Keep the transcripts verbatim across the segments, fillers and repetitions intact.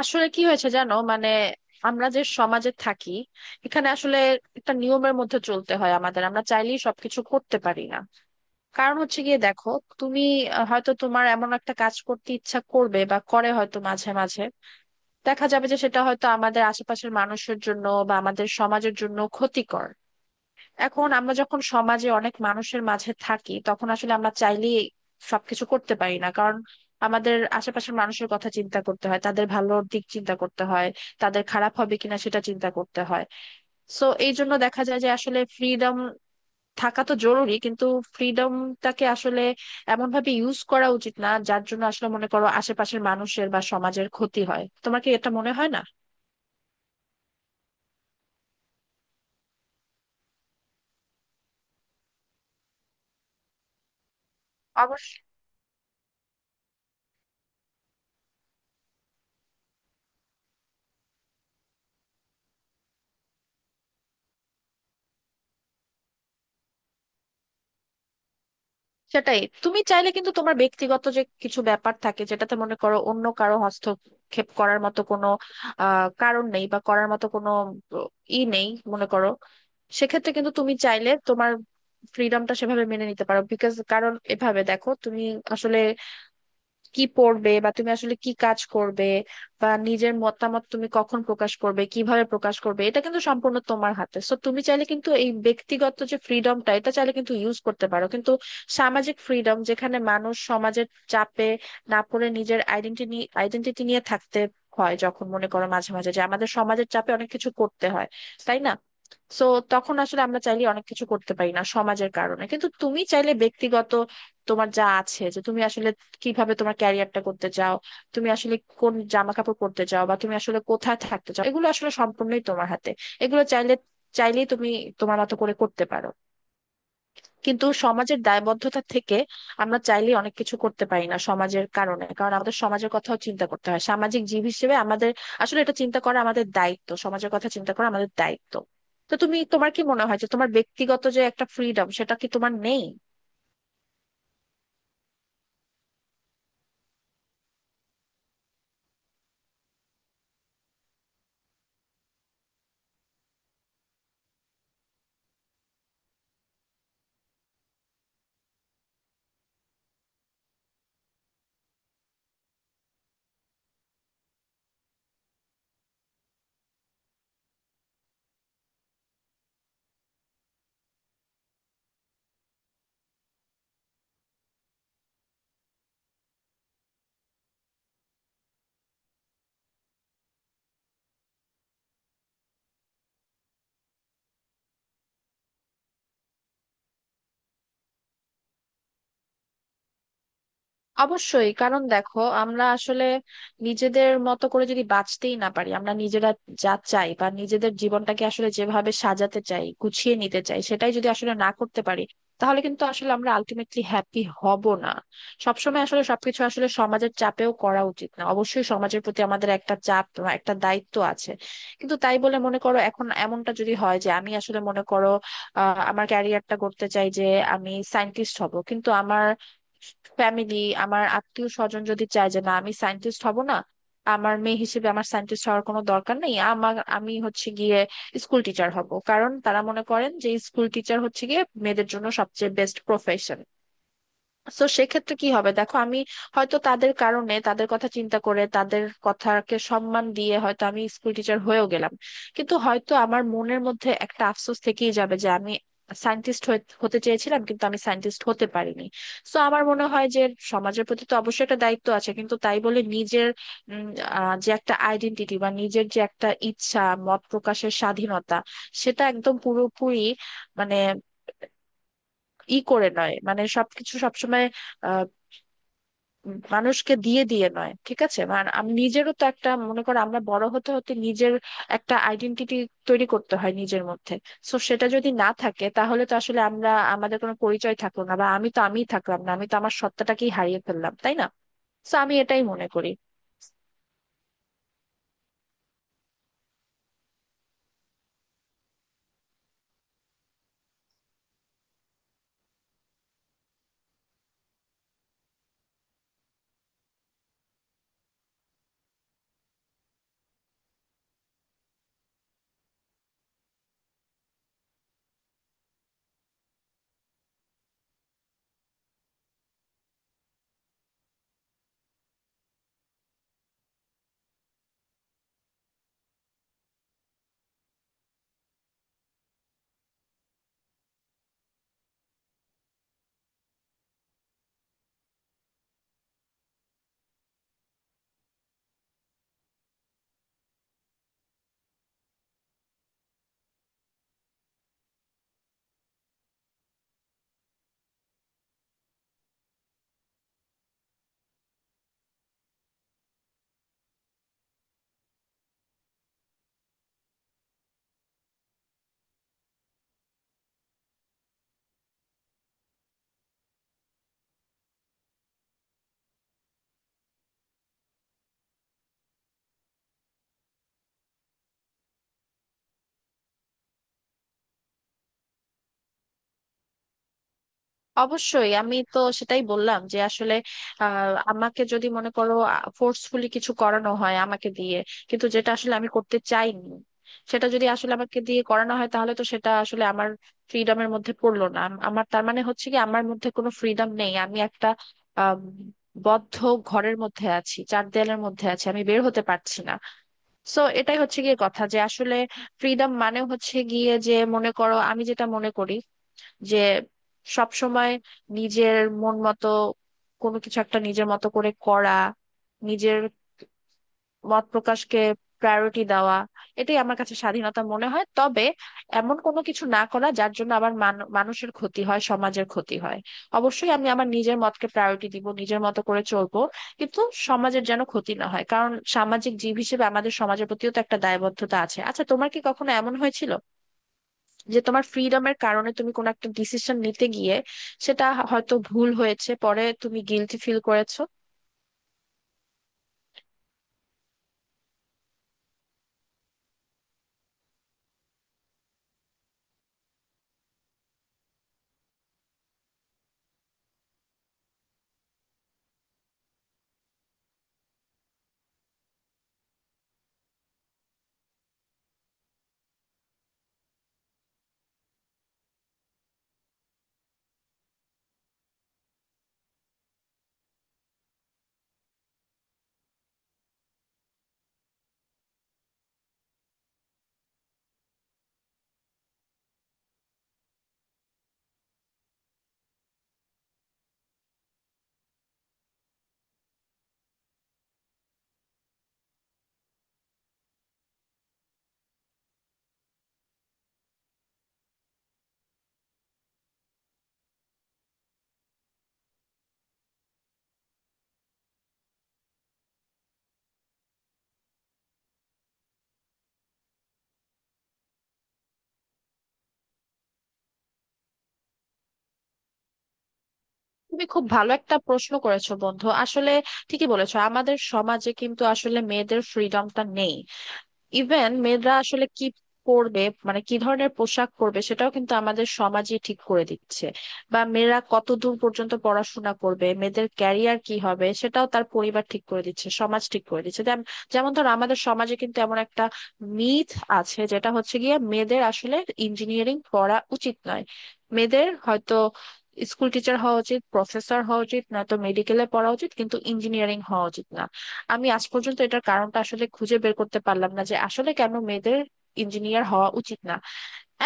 আসলে কি হয়েছে জানো? মানে আমরা যে সমাজে থাকি এখানে আসলে একটা নিয়মের মধ্যে চলতে হয় আমাদের, আমরা চাইলেই সবকিছু করতে পারি না। কারণ হচ্ছে গিয়ে দেখো, তুমি আহ, হয়তো তোমার এমন একটা কাজ করতে ইচ্ছা করবে বা করে হয়তো, মাঝে মাঝে দেখা যাবে যে সেটা হয়তো আমাদের আশেপাশের মানুষের জন্য বা আমাদের সমাজের জন্য ক্ষতিকর। এখন আমরা যখন সমাজে অনেক মানুষের মাঝে থাকি তখন আসলে আমরা চাইলেই সবকিছু করতে পারি না, কারণ আমাদের আশেপাশের মানুষের কথা চিন্তা করতে হয়, তাদের ভালো দিক চিন্তা করতে হয়, তাদের খারাপ হবে কিনা সেটা চিন্তা করতে হয়। সো এই জন্য দেখা যায় যে আসলে ফ্রিডম থাকা তো জরুরি, কিন্তু ফ্রিডমটাকে আসলে এমন ভাবে ইউজ করা উচিত না যার জন্য আসলে, মনে করো, আশেপাশের মানুষের বা সমাজের ক্ষতি হয়। তোমার কি এটা মনে হয় না? অবশ্যই। সেটাই, তুমি চাইলে কিন্তু তোমার ব্যক্তিগত যে কিছু ব্যাপার থাকে যেটাতে মনে করো অন্য কারো হস্তক্ষেপ করার মতো কোনো আহ কারণ নেই বা করার মতো কোনো ই নেই, মনে করো, সেক্ষেত্রে কিন্তু তুমি চাইলে তোমার ফ্রিডমটা সেভাবে মেনে নিতে পারো। বিকজ কারণ এভাবে দেখো, তুমি আসলে কি পড়বে বা তুমি আসলে কি কাজ করবে বা নিজের মতামত তুমি কখন প্রকাশ করবে, কিভাবে প্রকাশ করবে, এটা কিন্তু সম্পূর্ণ তোমার হাতে। সো তুমি চাইলে কিন্তু এই ব্যক্তিগত যে ফ্রিডমটা, এটা চাইলে কিন্তু ইউজ করতে পারো। কিন্তু সামাজিক ফ্রিডম, যেখানে মানুষ সমাজের চাপে না পড়ে নিজের আইডেন্টিটি আইডেন্টিটি নিয়ে থাকতে হয়, যখন মনে করো মাঝে মাঝে যে আমাদের সমাজের চাপে অনেক কিছু করতে হয়, তাই না? সো তখন আসলে আমরা চাইলে অনেক কিছু করতে পারি না সমাজের কারণে। কিন্তু তুমি চাইলে ব্যক্তিগত তোমার যা আছে, যে তুমি আসলে কিভাবে তোমার ক্যারিয়ারটা করতে চাও, তুমি আসলে কোন জামা কাপড় পরতে চাও বা তুমি আসলে কোথায় থাকতে চাও, এগুলো আসলে সম্পূর্ণই তোমার হাতে। এগুলো চাইলে চাইলেই তুমি তোমার মতো করে করতে পারো। কিন্তু সমাজের দায়বদ্ধতা থেকে আমরা চাইলেই অনেক কিছু করতে পারি না সমাজের কারণে, কারণ আমাদের সমাজের কথাও চিন্তা করতে হয় সামাজিক জীব হিসেবে। আমাদের আসলে এটা চিন্তা করা আমাদের দায়িত্ব, সমাজের কথা চিন্তা করা আমাদের দায়িত্ব। তো তুমি, তোমার কি মনে হয় যে তোমার ব্যক্তিগত যে একটা ফ্রিডম, সেটা কি তোমার নেই? অবশ্যই, কারণ দেখো আমরা আসলে নিজেদের মতো করে যদি বাঁচতেই না পারি, আমরা নিজেরা যা চাই বা নিজেদের জীবনটাকে আসলে যেভাবে সাজাতে চাই, গুছিয়ে নিতে চাই, সেটাই যদি আসলে না করতে পারি, তাহলে কিন্তু আসলে আমরা আলটিমেটলি হ্যাপি হব না। সবসময় আসলে সবকিছু আসলে সমাজের চাপেও করা উচিত না। অবশ্যই সমাজের প্রতি আমাদের একটা চাপ বা একটা দায়িত্ব আছে, কিন্তু তাই বলে মনে করো এখন এমনটা যদি হয় যে আমি আসলে, মনে করো, আহ আমার ক্যারিয়ারটা করতে চাই যে আমি সায়েন্টিস্ট হব, কিন্তু আমার ফ্যামিলি, আমার আত্মীয় স্বজন যদি চায় যে না, আমি সায়েন্টিস্ট হব না, আমার মেয়ে হিসেবে আমার সায়েন্টিস্ট হওয়ার কোনো দরকার নেই, আমার, আমি হচ্ছে গিয়ে স্কুল টিচার হব, কারণ তারা মনে করেন যে স্কুল টিচার হচ্ছে গিয়ে মেয়েদের জন্য সবচেয়ে বেস্ট প্রফেশন। সো সেক্ষেত্রে কি হবে দেখো, আমি হয়তো তাদের কারণে, তাদের কথা চিন্তা করে, তাদের কথাকে সম্মান দিয়ে হয়তো আমি স্কুল টিচার হয়েও গেলাম, কিন্তু হয়তো আমার মনের মধ্যে একটা আফসোস থেকেই যাবে যে আমি সায়েন্টিস্ট হতে চেয়েছিলাম কিন্তু আমি সায়েন্টিস্ট হতে পারিনি। সো আমার মনে হয় যে সমাজের প্রতি তো অবশ্যই একটা দায়িত্ব আছে, কিন্তু তাই বলে নিজের উম, আহ, যে একটা আইডেন্টিটি বা নিজের যে একটা ইচ্ছা, মত প্রকাশের স্বাধীনতা, সেটা একদম পুরোপুরি মানে ই করে নয়, মানে সবকিছু সবসময় মানুষকে দিয়ে দিয়ে নয়। ঠিক আছে, মানে আমি নিজেরও তো একটা, মনে করো আমরা বড় হতে হতে নিজের একটা আইডেন্টিটি তৈরি করতে হয় নিজের মধ্যে। সো সেটা যদি না থাকে তাহলে তো আসলে আমরা, আমাদের কোনো পরিচয় থাকলো না, বা আমি তো আমিই থাকলাম না, আমি তো আমার সত্তাটাকেই হারিয়ে ফেললাম, তাই না? তো আমি এটাই মনে করি। অবশ্যই, আমি তো সেটাই বললাম যে আসলে আহ, আমাকে যদি, মনে করো, ফোর্সফুলি কিছু করানো হয় আমাকে দিয়ে, কিন্তু যেটা আসলে আমি করতে চাইনি, সেটা যদি আসলে আমাকে দিয়ে করানো হয়, তাহলে তো সেটা আসলে আমার ফ্রিডমের মধ্যে পড়লো না। আম- আমার তার মানে হচ্ছে কি, আমার মধ্যে কোনো ফ্রিডম নেই, আমি একটা আম, বদ্ধ ঘরের মধ্যে আছি, চার দেয়ালের মধ্যে আছি, আমি বের হতে পারছি না। সো এটাই হচ্ছে গিয়ে কথা, যে আসলে ফ্রিডম মানে হচ্ছে গিয়ে যে, মনে করো, আমি যেটা মনে করি যে সব সময় নিজের মন মতো কোনো কিছু একটা নিজের মতো করে করা, নিজের মত প্রকাশকে প্রায়োরিটি দেওয়া, এটাই আমার কাছে স্বাধীনতা মনে হয়। তবে এমন কোনো কিছু না করা যার জন্য আবার মান- মানুষের ক্ষতি হয়, সমাজের ক্ষতি হয়। অবশ্যই আমি আমার নিজের মতকে প্রায়োরিটি দিব, নিজের মতো করে চলবো, কিন্তু সমাজের যেন ক্ষতি না হয়, কারণ সামাজিক জীব হিসেবে আমাদের সমাজের প্রতিও তো একটা দায়বদ্ধতা আছে। আচ্ছা, তোমার কি কখনো এমন হয়েছিল যে তোমার ফ্রিডমের কারণে তুমি কোনো একটা ডিসিশন নিতে গিয়ে, সেটা হয়তো ভুল হয়েছে, পরে তুমি গিলটি ফিল করেছো? তুমি খুব ভালো একটা প্রশ্ন করেছো বন্ধু। আসলে ঠিকই বলেছো, আমাদের সমাজে কিন্তু আসলে মেয়েদের ফ্রিডমটা নেই। ইভেন মেয়েরা আসলে কি পরবে, মানে কি ধরনের পোশাক পরবে, সেটাও কিন্তু আমাদের সমাজই ঠিক করে দিচ্ছে, বা মেয়েরা কতদূর পর্যন্ত পড়াশোনা করবে, মেয়েদের ক্যারিয়ার কি হবে, সেটাও তার পরিবার ঠিক করে দিচ্ছে, সমাজ ঠিক করে দিচ্ছে। যেম- যেমন ধর আমাদের সমাজে কিন্তু এমন একটা মিথ আছে যেটা হচ্ছে গিয়ে মেয়েদের আসলে ইঞ্জিনিয়ারিং পড়া উচিত নয়, মেয়েদের হয়তো স্কুল টিচার হওয়া উচিত, প্রফেসর হওয়া উচিত, নয়তো মেডিকেলে পড়া উচিত, কিন্তু ইঞ্জিনিয়ারিং হওয়া উচিত না। আমি আজ পর্যন্ত এটার কারণটা আসলে খুঁজে বের করতে পারলাম না যে আসলে কেন মেয়েদের ইঞ্জিনিয়ার হওয়া উচিত না।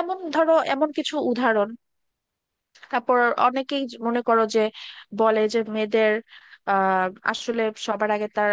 এমন ধরো এমন কিছু উদাহরণ। তারপর অনেকেই জ- মনে করো যে বলে যে মেয়েদের আহ আসলে সবার আগে তার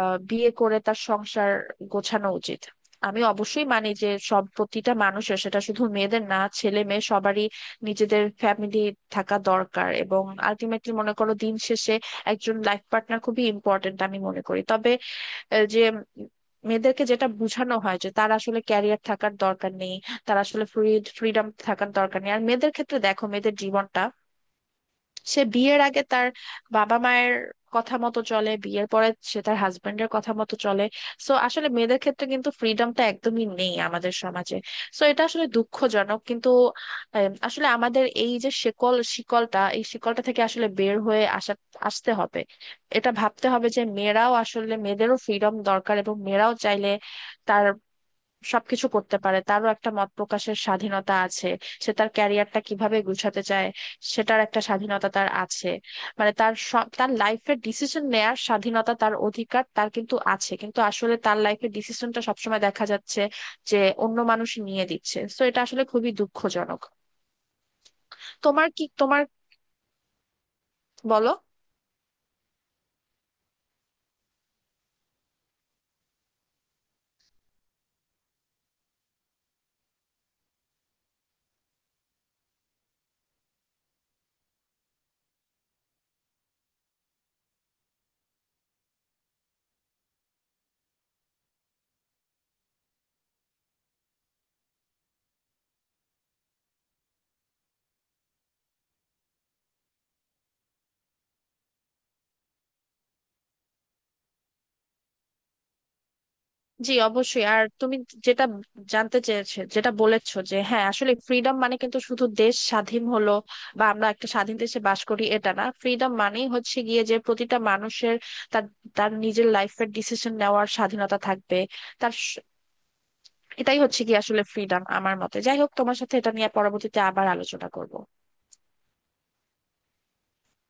আহ, বিয়ে করে তার সংসার গোছানো উচিত। আমি অবশ্যই মানি যে সব, প্রতিটা মানুষের, সেটা শুধু মেয়েদের না, ছেলে মেয়ে সবারই নিজেদের ফ্যামিলি থাকা দরকার, এবং আলটিমেটলি, মনে করো, দিন শেষে একজন লাইফ পার্টনার খুবই ইম্পর্টেন্ট আমি মনে করি। তবে আহ, যে মেয়েদেরকে যেটা বোঝানো হয় যে তার আসলে ক্যারিয়ার থাকার দরকার নেই, তার আসলে ফ্রি ফ্রিডম থাকার দরকার নেই। আর মেয়েদের ক্ষেত্রে দেখো, মেয়েদের জীবনটা সে বিয়ের আগে তার বাবা মায়ের কথা মতো চলে, বিয়ের পরে সে তার হাজবেন্ডের কথা মতো চলে। সো আসলে মেয়েদের ক্ষেত্রে কিন্তু ফ্রিডমটা একদমই নেই আমাদের সমাজে। সো এটা আসলে দুঃখজনক। কিন্তু আম, আসলে আমাদের এই যে শিকল, শিকলটা এই শিকলটা থেকে আসলে বের হয়ে আসা আসতে হবে। এটা ভাবতে হবে যে মেয়েরাও আসলে, মেয়েদেরও ফ্রিডম দরকার, এবং মেয়েরাও চাইলে তার সবকিছু করতে পারে, তারও একটা মত প্রকাশের স্বাধীনতা আছে। সে তার ক্যারিয়ারটা কিভাবে গুছাতে চায়, সেটার একটা স্বাধীনতা তার আছে। মানে তার সব, তার লাইফের ডিসিশন নেয়ার স্বাধীনতা, তার অধিকার তার কিন্তু আছে, কিন্তু আসলে তার লাইফের ডিসিশনটা সবসময় দেখা যাচ্ছে যে অন্য মানুষ নিয়ে দিচ্ছে। তো এটা আসলে খুবই দুঃখজনক। তোমার কি, তোমার, বলো। জি অবশ্যই। আর তুমি যেটা জানতে চেয়েছো, যেটা বলেছো যে হ্যাঁ আসলে ফ্রিডম মানে কিন্তু শুধু দেশ স্বাধীন হলো বা আমরা একটা স্বাধীন দেশে বাস করি, এটা না। ফ্রিডম মানেই হচ্ছে গিয়ে যে প্রতিটা মানুষের তার, তার নিজের লাইফের ডিসিশন নেওয়ার স্বাধীনতা থাকবে। তার স- এটাই হচ্ছে কি আসলে ফ্রিডম আমার মতে। যাই হোক, তোমার সাথে এটা নিয়ে পরবর্তীতে আবার আলোচনা করব।